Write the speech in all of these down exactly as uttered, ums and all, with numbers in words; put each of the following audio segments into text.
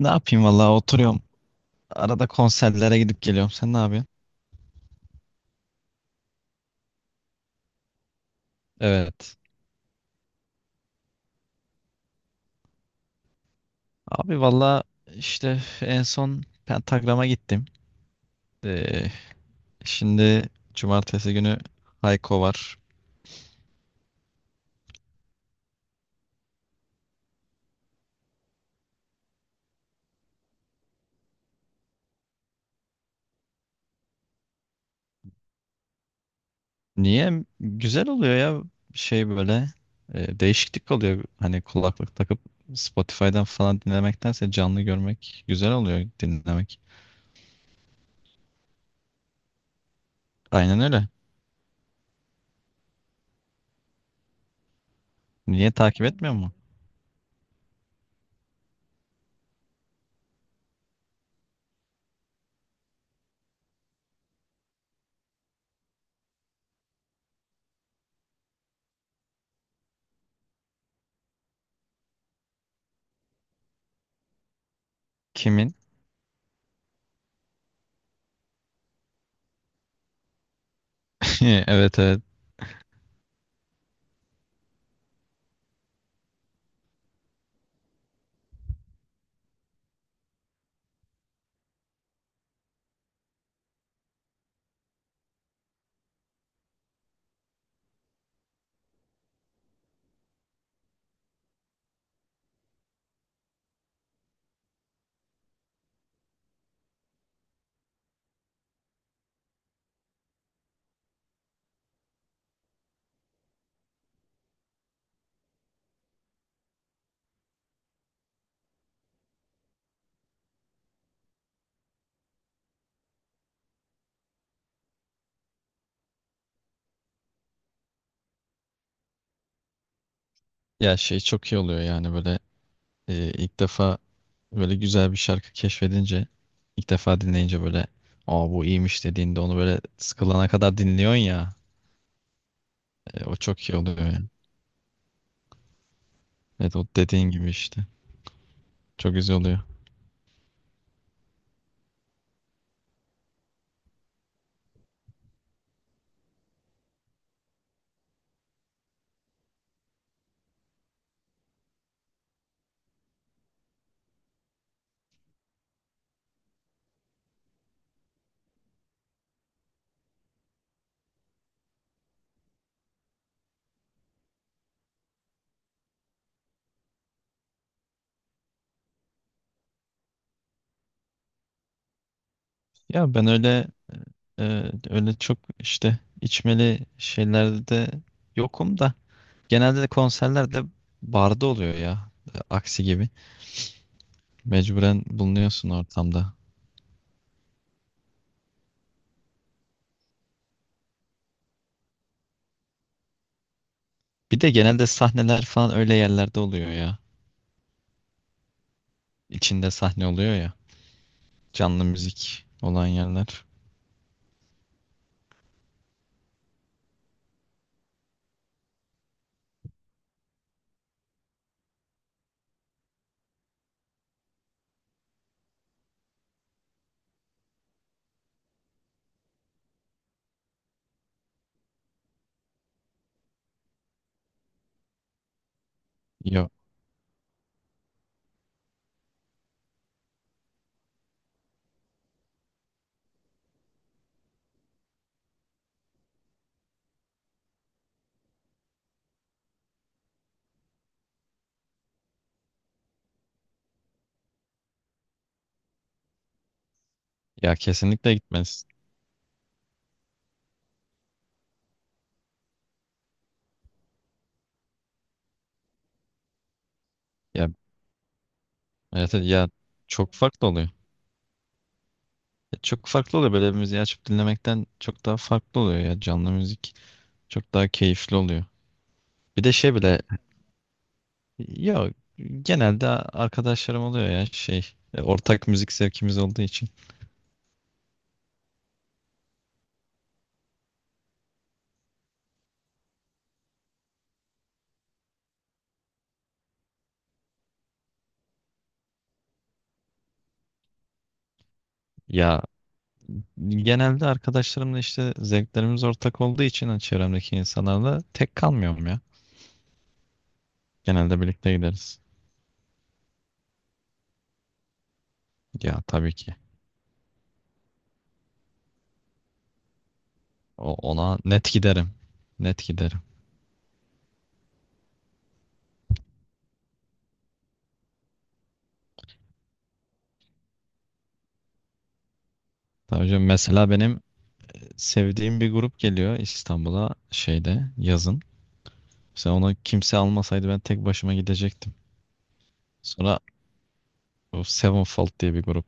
Ne yapayım valla oturuyorum. Arada konserlere gidip geliyorum. Sen ne yapıyorsun? Evet. Abi valla işte en son Pentagram'a gittim. Ee, şimdi cumartesi günü Hayko var. Niye? Güzel oluyor ya şey böyle. E, değişiklik oluyor. Hani kulaklık takıp Spotify'dan falan dinlemektense canlı görmek güzel oluyor dinlemek. Aynen öyle. Niye takip etmiyor mu? Kimin? Evet, evet. Ya şey çok iyi oluyor yani böyle. Ee, ilk defa böyle güzel bir şarkı keşfedince, ilk defa dinleyince böyle aa bu iyiymiş dediğinde onu böyle sıkılana kadar dinliyorsun ya. E, o çok iyi oluyor yani. Evet, o dediğin gibi işte. Çok güzel oluyor. Ya ben öyle e, öyle çok işte içmeli şeylerde de yokum da genelde de konserlerde barda oluyor ya. E, aksi gibi. Mecburen bulunuyorsun ortamda. Bir de genelde sahneler falan öyle yerlerde oluyor ya. İçinde sahne oluyor ya. Canlı müzik olan yerler. Yok. Ya kesinlikle gitmez. Ya evet, evet, ya çok farklı oluyor. Ya çok farklı oluyor böyle bir müziği açıp dinlemekten çok daha farklı oluyor ya canlı müzik. Çok daha keyifli oluyor. Bir de şey bile ya genelde arkadaşlarım oluyor ya şey e, ortak müzik zevkimiz olduğu için. Ya genelde arkadaşlarımla işte zevklerimiz ortak olduğu için hani çevremdeki insanlarla tek kalmıyorum ya. Genelde birlikte gideriz. Ya tabii ki O- ona net giderim. Net giderim. Tabii hocam mesela benim sevdiğim bir grup geliyor İstanbul'a şeyde yazın. Mesela onu kimse almasaydı ben tek başıma gidecektim. Sonra o Sevenfold diye bir grup.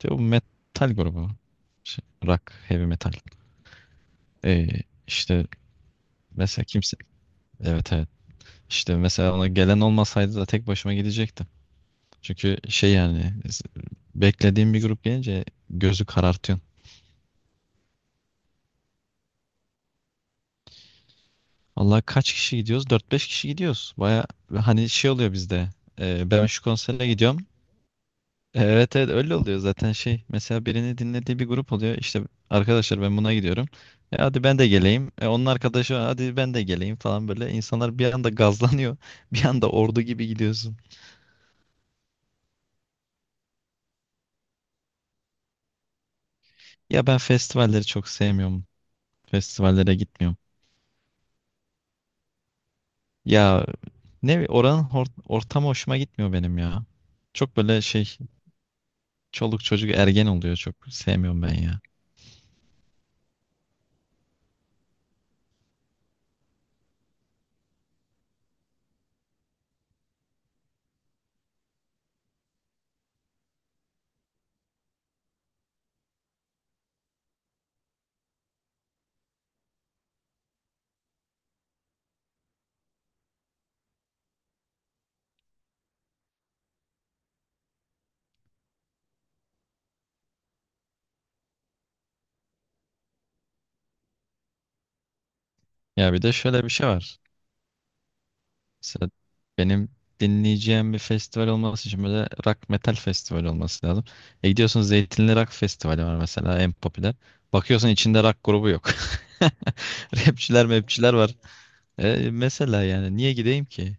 Diyor, bu metal grubu. Şey, rock, heavy metal. Ee, işte mesela kimse... Evet, evet. İşte mesela ona gelen olmasaydı da tek başıma gidecektim. Çünkü şey yani beklediğim bir grup gelince gözü karartıyor. Allah kaç kişi gidiyoruz? Dört beş kişi gidiyoruz. Baya hani şey oluyor bizde. Ee, ben şu konsere gidiyorum. Evet, evet, öyle oluyor zaten şey. Mesela birini dinlediği bir grup oluyor. İşte arkadaşlar ben buna gidiyorum. E, hadi ben de geleyim. E, onun arkadaşı hadi ben de geleyim falan böyle. İnsanlar bir anda gazlanıyor. Bir anda ordu gibi gidiyorsun. Ya ben festivalleri çok sevmiyorum. Festivallere gitmiyorum. Ya ne bi- oranın hor- ortamı hoşuma gitmiyor benim ya. Çok böyle şey çoluk çocuk ergen oluyor çok sevmiyorum ben ya. Ya bir de şöyle bir şey var. Mesela benim dinleyeceğim bir festival olması için böyle rock metal festival olması lazım. E gidiyorsun Zeytinli Rock Festivali var mesela en popüler. Bakıyorsun içinde rock grubu yok. Rapçiler mepçiler var. E mesela yani niye gideyim ki?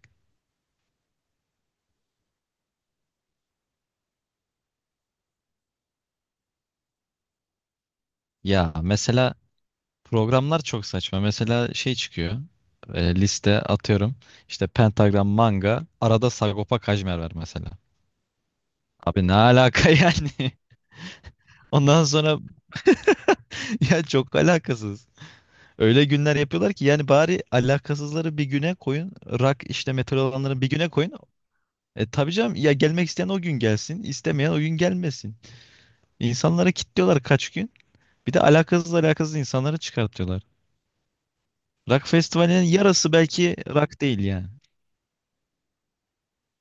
Ya mesela programlar çok saçma. Mesela şey çıkıyor. E, liste atıyorum. İşte Pentagram Manga. Arada Sagopa Kajmer var mesela. Abi ne alaka yani? Ondan sonra ya çok alakasız. Öyle günler yapıyorlar ki yani bari alakasızları bir güne koyun. Rak işte metal olanları bir güne koyun. E tabii canım ya gelmek isteyen o gün gelsin, istemeyen o gün gelmesin. İnsanları kilitliyorlar kaç gün. Bir de alakasız alakasız insanları çıkartıyorlar. Rock festivalinin yarısı belki rock değil yani.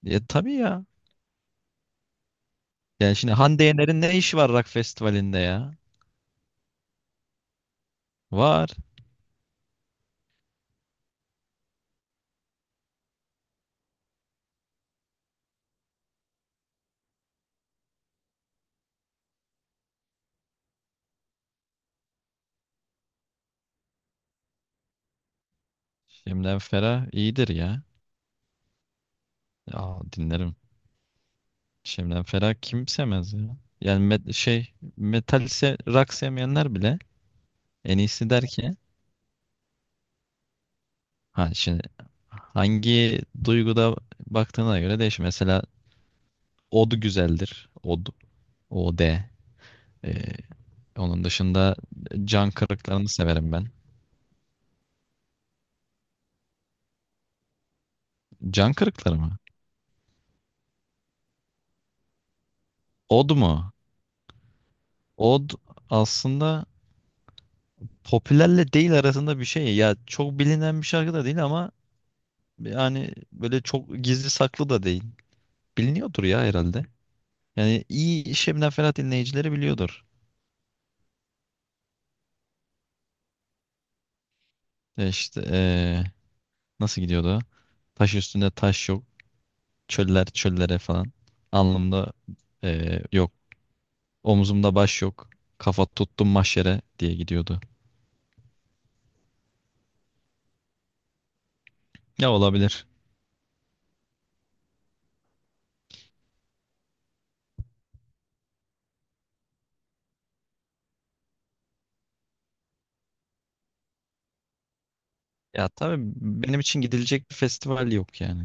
Ya tabii ya. Yani şimdi Hande Yener'in ne işi var rock festivalinde ya? Var. Şemden Ferah iyidir ya. Ya dinlerim. Şemden Ferah kim sevmez ya? Yani met- şey metal ise rock sevmeyenler bile en iyisi der ki ha şimdi hangi duyguda baktığına göre değişir. Mesela od güzeldir. Od. O D. Ee, Onun dışında can kırıklarını severim ben. Can kırıkları mı? Od mu? Od aslında popülerle değil arasında bir şey. Ya çok bilinen bir şarkı da değil ama yani böyle çok gizli saklı da değil. Biliniyordur ya herhalde. Yani iyi Şebnem Ferah dinleyicileri biliyordur. E İşte ee, nasıl gidiyordu o? Taş üstünde taş yok. Çöller çöllere falan. Alnımda eee, yok. Omzumda baş yok. Kafa tuttum mahşere diye gidiyordu. Ya olabilir. Ya tabii benim için gidilecek bir festival yok yani.